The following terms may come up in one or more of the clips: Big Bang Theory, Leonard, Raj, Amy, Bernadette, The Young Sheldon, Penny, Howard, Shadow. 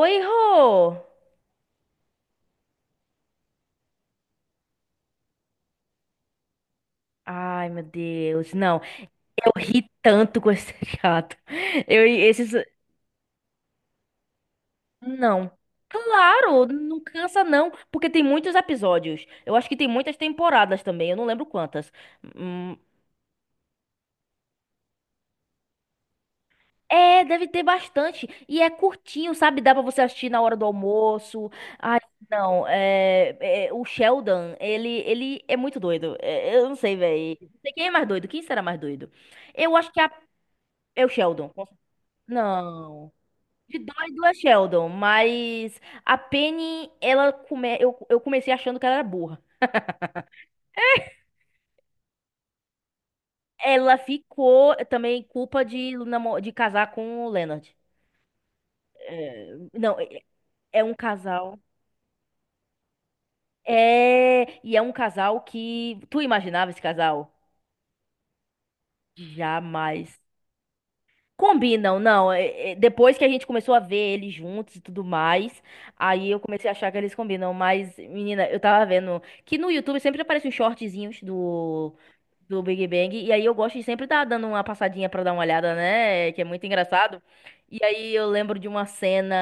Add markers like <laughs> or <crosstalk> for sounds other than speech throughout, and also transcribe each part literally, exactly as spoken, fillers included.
Oi, Rô! Ai, meu Deus, não. Eu ri tanto com esse <laughs> seriado. Eu, esses... Não. Claro, não cansa não, porque tem muitos episódios. Eu acho que tem muitas temporadas também, eu não lembro quantas. Hum, é, deve ter bastante. E é curtinho, sabe? Dá pra você assistir na hora do almoço. Ai, não, é, é, o Sheldon, ele, ele é muito doido. É, eu não sei, velho. Não sei quem é mais doido, quem será mais doido? Eu acho que é, a- é o Sheldon. Não. De doido é Sheldon, mas a Penny, ela come... eu, eu comecei achando que ela era burra. Ela ficou também culpa de, namo- de casar com o Leonard. É, Não, é é um casal. É, e é um casal que. Tu imaginava esse casal? Jamais. Combinam, não. é- é, Depois que a gente começou a ver eles juntos e tudo mais, aí eu comecei a achar que eles combinam. Mas, menina, eu tava vendo que no YouTube sempre aparecem os shortzinhos do, do Big Bang. E aí eu gosto de sempre estar dando uma passadinha pra dar uma olhada, né? Que é muito engraçado. E aí eu lembro de uma cena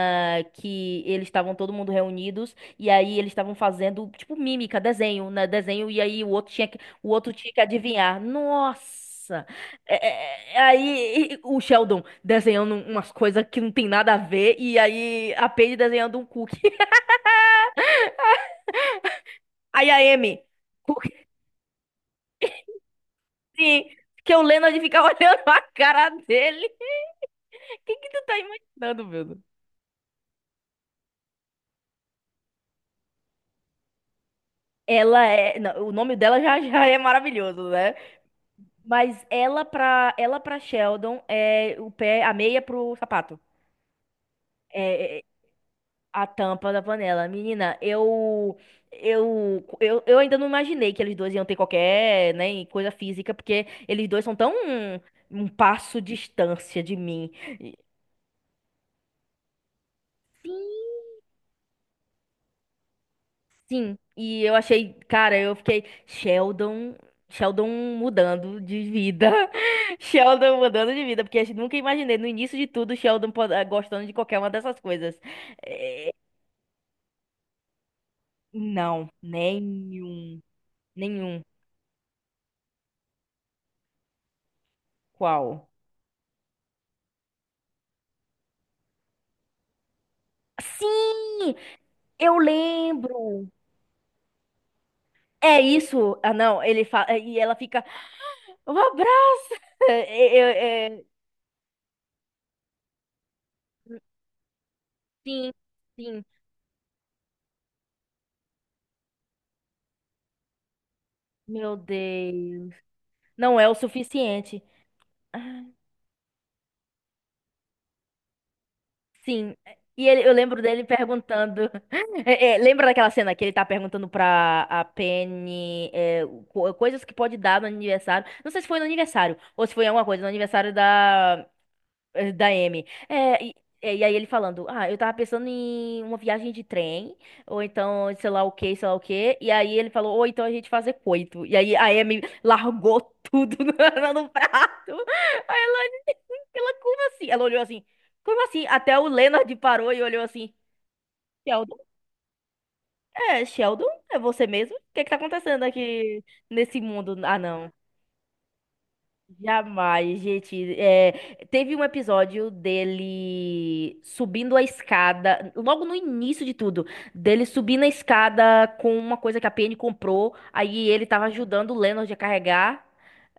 que eles estavam todo mundo reunidos e aí eles estavam fazendo tipo mímica, desenho, né? Desenho e aí o outro tinha que, o outro tinha que adivinhar. Nossa! É, é, é, aí e- o Sheldon desenhando umas coisas que não tem nada a ver e aí a Paige desenhando um cookie. <laughs> Aí a Amy, cookie sim, que o Leonard ficava <laughs> olhando a cara dele. O que que tu tá imaginando, meu Deus? Ela é, não, o nome dela já, já é maravilhoso, né? Mas ela pra ela pra Sheldon é o pé, a meia pro sapato. É, é, a tampa da panela. Menina, eu eu, eu eu ainda não imaginei que eles dois iam ter qualquer, né, coisa física, porque eles dois são tão um, um passo distância de mim. Sim. Sim, e eu achei, cara, eu fiquei, Sheldon, Sheldon mudando de vida. <laughs> Sheldon mudando de vida, porque eu nunca imaginei no início de tudo Sheldon pod- eh, gostando de qualquer uma dessas coisas. Eh, Não, nenhum, nenhum. Qual? Sim, eu lembro. É isso. Ah, não, ele fala e ela fica, um abraço. <laughs> É, é, é, sim, sim. Meu Deus. Não é o suficiente. Ah, sim. E ele- eu lembro dele perguntando. <laughs> É, é, lembra daquela cena que ele tá perguntando pra a Penny é, co- coisas que pode dar no aniversário? Não sei se foi no aniversário ou se foi alguma coisa, no aniversário da, eh, da Amy. É, e, é, e aí ele falando: Ah, eu tava pensando em uma viagem de trem, ou então sei lá o que, sei lá o que. E aí ele falou: Ou então a gente fazer coito. E aí a Amy largou tudo <laughs> no, no prato. Ela, como assim? Ela olhou assim, como assim? Até o Leonard parou e olhou assim, Sheldon? É, Sheldon, é você mesmo? O que que tá acontecendo aqui nesse mundo? Ah, não. Jamais, gente. É, teve um episódio dele subindo a escada, logo no início de tudo, dele subindo a escada com uma coisa que a Penny comprou, aí ele tava ajudando o Leonard a carregar.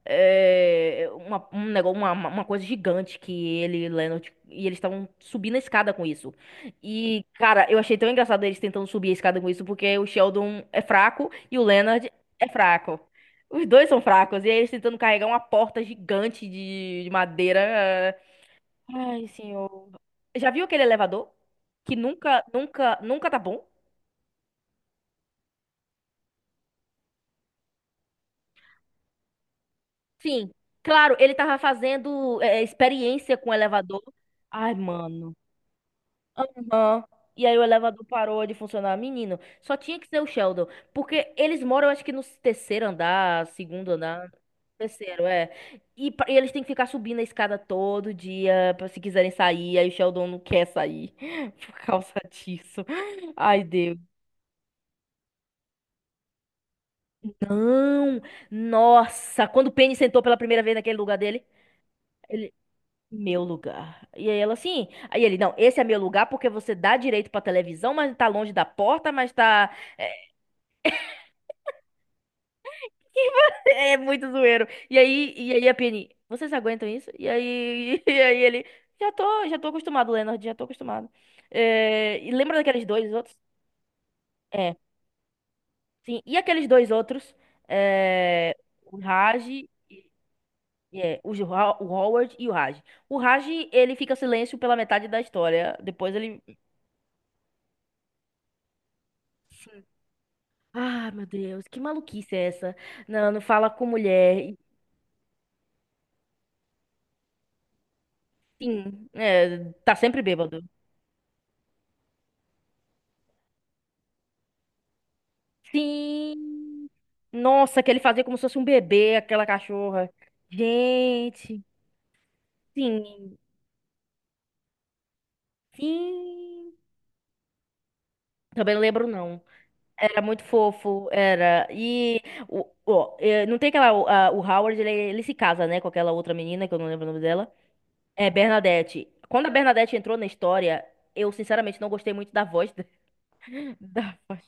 É, uma, um negócio, uma, uma uma coisa gigante que ele e Leonard, e eles estavam subindo a escada com isso. E, cara, eu achei tão engraçado eles tentando subir a escada com isso, porque o Sheldon é fraco e o Leonard é fraco. Os dois são fracos, e aí eles tentando carregar uma porta gigante de, de madeira. É. Ai, senhor. Já viu aquele elevador? Que nunca, nunca, nunca tá bom? Sim. Claro, ele tava fazendo é, experiência com o elevador. Ai, mano. Aham. E aí o elevador parou de funcionar. Menino, só tinha que ser o Sheldon. Porque eles moram, acho que no terceiro andar, segundo andar. Terceiro, é. E, pa- e eles têm que ficar subindo a escada todo dia pra se quiserem sair. Aí o Sheldon não quer sair <laughs> por causa disso. Ai, Deus. Não! Nossa! Quando o Penny sentou pela primeira vez naquele lugar dele, ele. Meu lugar. E aí ela assim. Aí ele, não, esse é meu lugar porque você dá direito pra televisão, mas tá longe da porta, mas tá. <laughs> É muito zoeiro. E aí, e aí a Penny, vocês aguentam isso? E aí, <laughs> e aí ele, já tô, já tô acostumado, Leonard, já tô acostumado. É, e lembra daqueles dois outros? É, sim. E aqueles dois outros, é, o Raj, é, o, Ho- o Howard e o Raj. O Raj, ele fica em silêncio pela metade da história. Depois ele, sim. Ah, meu Deus, que maluquice é essa? Não, não fala com mulher. E, sim, é, tá sempre bêbado. Sim. Nossa, que ele fazia como se fosse um bebê, aquela cachorra. Gente, sim, sim. Também não lembro, não. Era muito fofo, era. E o, ó, eh, não tem aquela. O a- o Howard, ele, ele se casa, né, com aquela outra menina, que eu não lembro o nome dela. É Bernadette. Quando a Bernadette entrou na história, eu sinceramente não gostei muito da voz. de- <laughs> Da voz.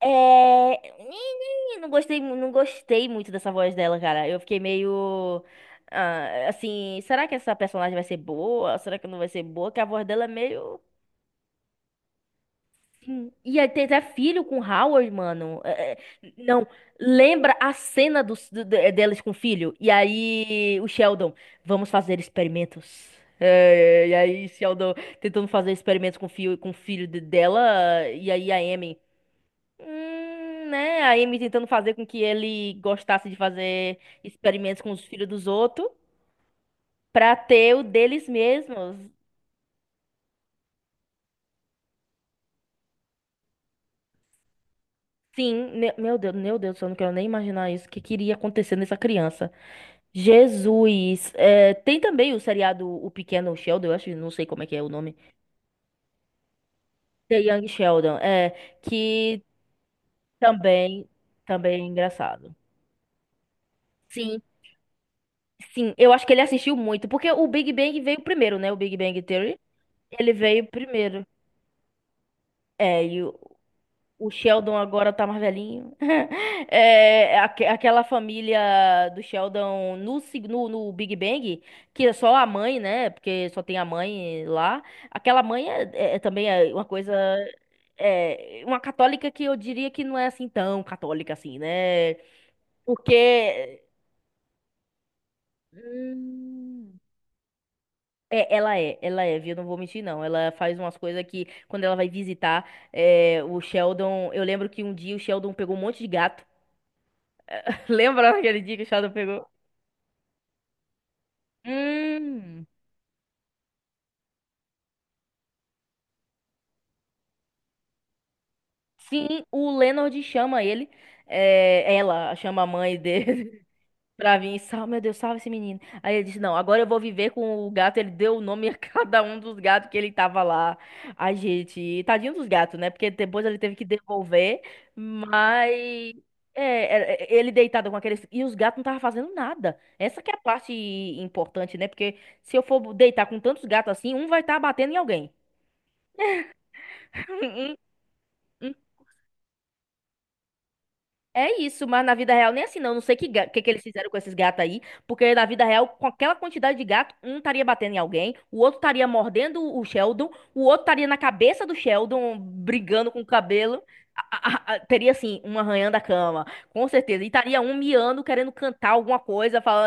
É... e- Não gostei, mu- não gostei muito dessa voz dela, cara. Eu fiquei meio. Ah, assim, será que essa personagem vai ser boa? Será que não vai ser boa? Que a voz dela é meio. Hum, E aí tem até filho com Howard, mano. É, é, não, lembra a cena dos, do- de- delas com o filho? E aí o Sheldon, vamos fazer experimentos. É, e aí Sheldon tentando fazer experimentos com o filho, com o filho de- dela. E aí a Amy. Hum, né? A Amy tentando fazer com que ele gostasse de fazer experimentos com os filhos dos outros pra ter o deles mesmos. Sim, me- meu Deus, meu Deus, eu não quero nem imaginar isso. O que queria acontecer nessa criança? Jesus! É, tem também o seriado O Pequeno Sheldon, eu acho, não sei como é que é o nome. The Young Sheldon, é, que também, também é engraçado. Sim, sim, eu acho que ele assistiu muito, porque o Big Bang veio primeiro, né? O Big Bang Theory. Ele veio primeiro. É, e o, o Sheldon agora tá mais velhinho. <laughs> É, aque- aquela família do Sheldon no, sig- no, no Big Bang, que é só a mãe, né? Porque só tem a mãe lá. Aquela mãe é, é- é também é uma coisa. É, uma católica que eu diria que não é assim tão católica assim, né? Porque. Hum, É, ela é, ela é, viu? Não vou mentir, não. Ela faz umas coisas que, quando ela vai visitar é, o Sheldon. Eu lembro que um dia o Sheldon pegou um monte de gato. <laughs> Lembra daquele dia que o Shadow pegou? Hum. Sim, o Leonard chama ele. É, ela chama a mãe dele <laughs> pra vir. Salve, meu Deus, salve esse menino. Aí ele disse: Não, agora eu vou viver com o gato. Ele deu o nome a <laughs> cada um dos gatos que ele tava lá. Ai, gente, tadinho dos gatos, né? Porque depois ele teve que devolver. Mas. É, é, é, ele deitado com aqueles. E os gatos não estavam fazendo nada. Essa que é a parte importante, né? Porque se eu for deitar com tantos gatos assim, um vai estar batendo em alguém. <laughs> É isso, mas na vida real nem assim não. Não sei que, ga- que que eles fizeram com esses gatos aí, porque na vida real, com aquela quantidade de gato, um estaria batendo em alguém, o outro estaria mordendo o Sheldon, o outro estaria na cabeça do Sheldon, brigando com o cabelo. A- a- a- teria assim, um arranhando a cama, com certeza. E estaria um miando, querendo cantar alguma coisa, falando.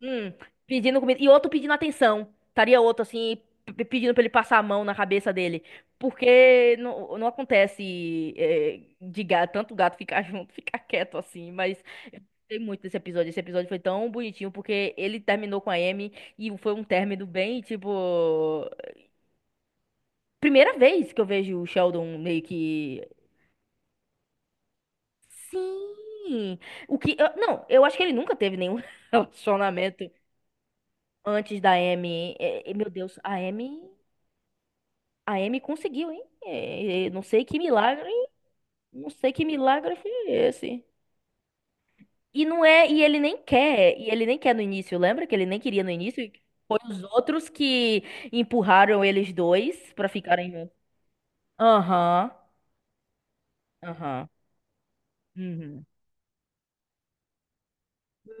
Hum, pedindo comida. E outro pedindo atenção. Estaria outro assim, pe- pedindo pra ele passar a mão na cabeça dele. Porque não, não acontece é, de gato, tanto gato ficar <laughs> junto, ficar quieto assim. Mas eu gostei muito desse episódio. Esse episódio foi tão bonitinho porque ele terminou com a Amy e foi um término bem, tipo. Primeira vez que eu vejo o Sheldon meio que. Sim! O que. eu- não, eu acho que ele nunca teve nenhum <laughs> relacionamento antes da Amy. É, é, meu Deus, a Amy. A Amy conseguiu, hein? É, é, não sei que milagre, não sei que milagre foi esse. E não é, e ele nem quer, e ele nem quer no início, lembra que ele nem queria no início? E foi os outros que empurraram eles dois pra ficarem juntos. Aham, aham. uhum.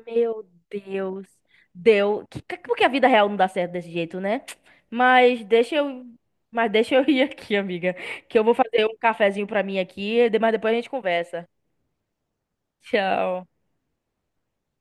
Meu Deus. Deu. Que- que- Por a vida real não dá certo desse jeito, né? Mas deixa eu, mas deixa eu <laughs> ir aqui, amiga, que eu vou fazer um cafezinho pra mim aqui, mas depois a gente conversa. Tchau.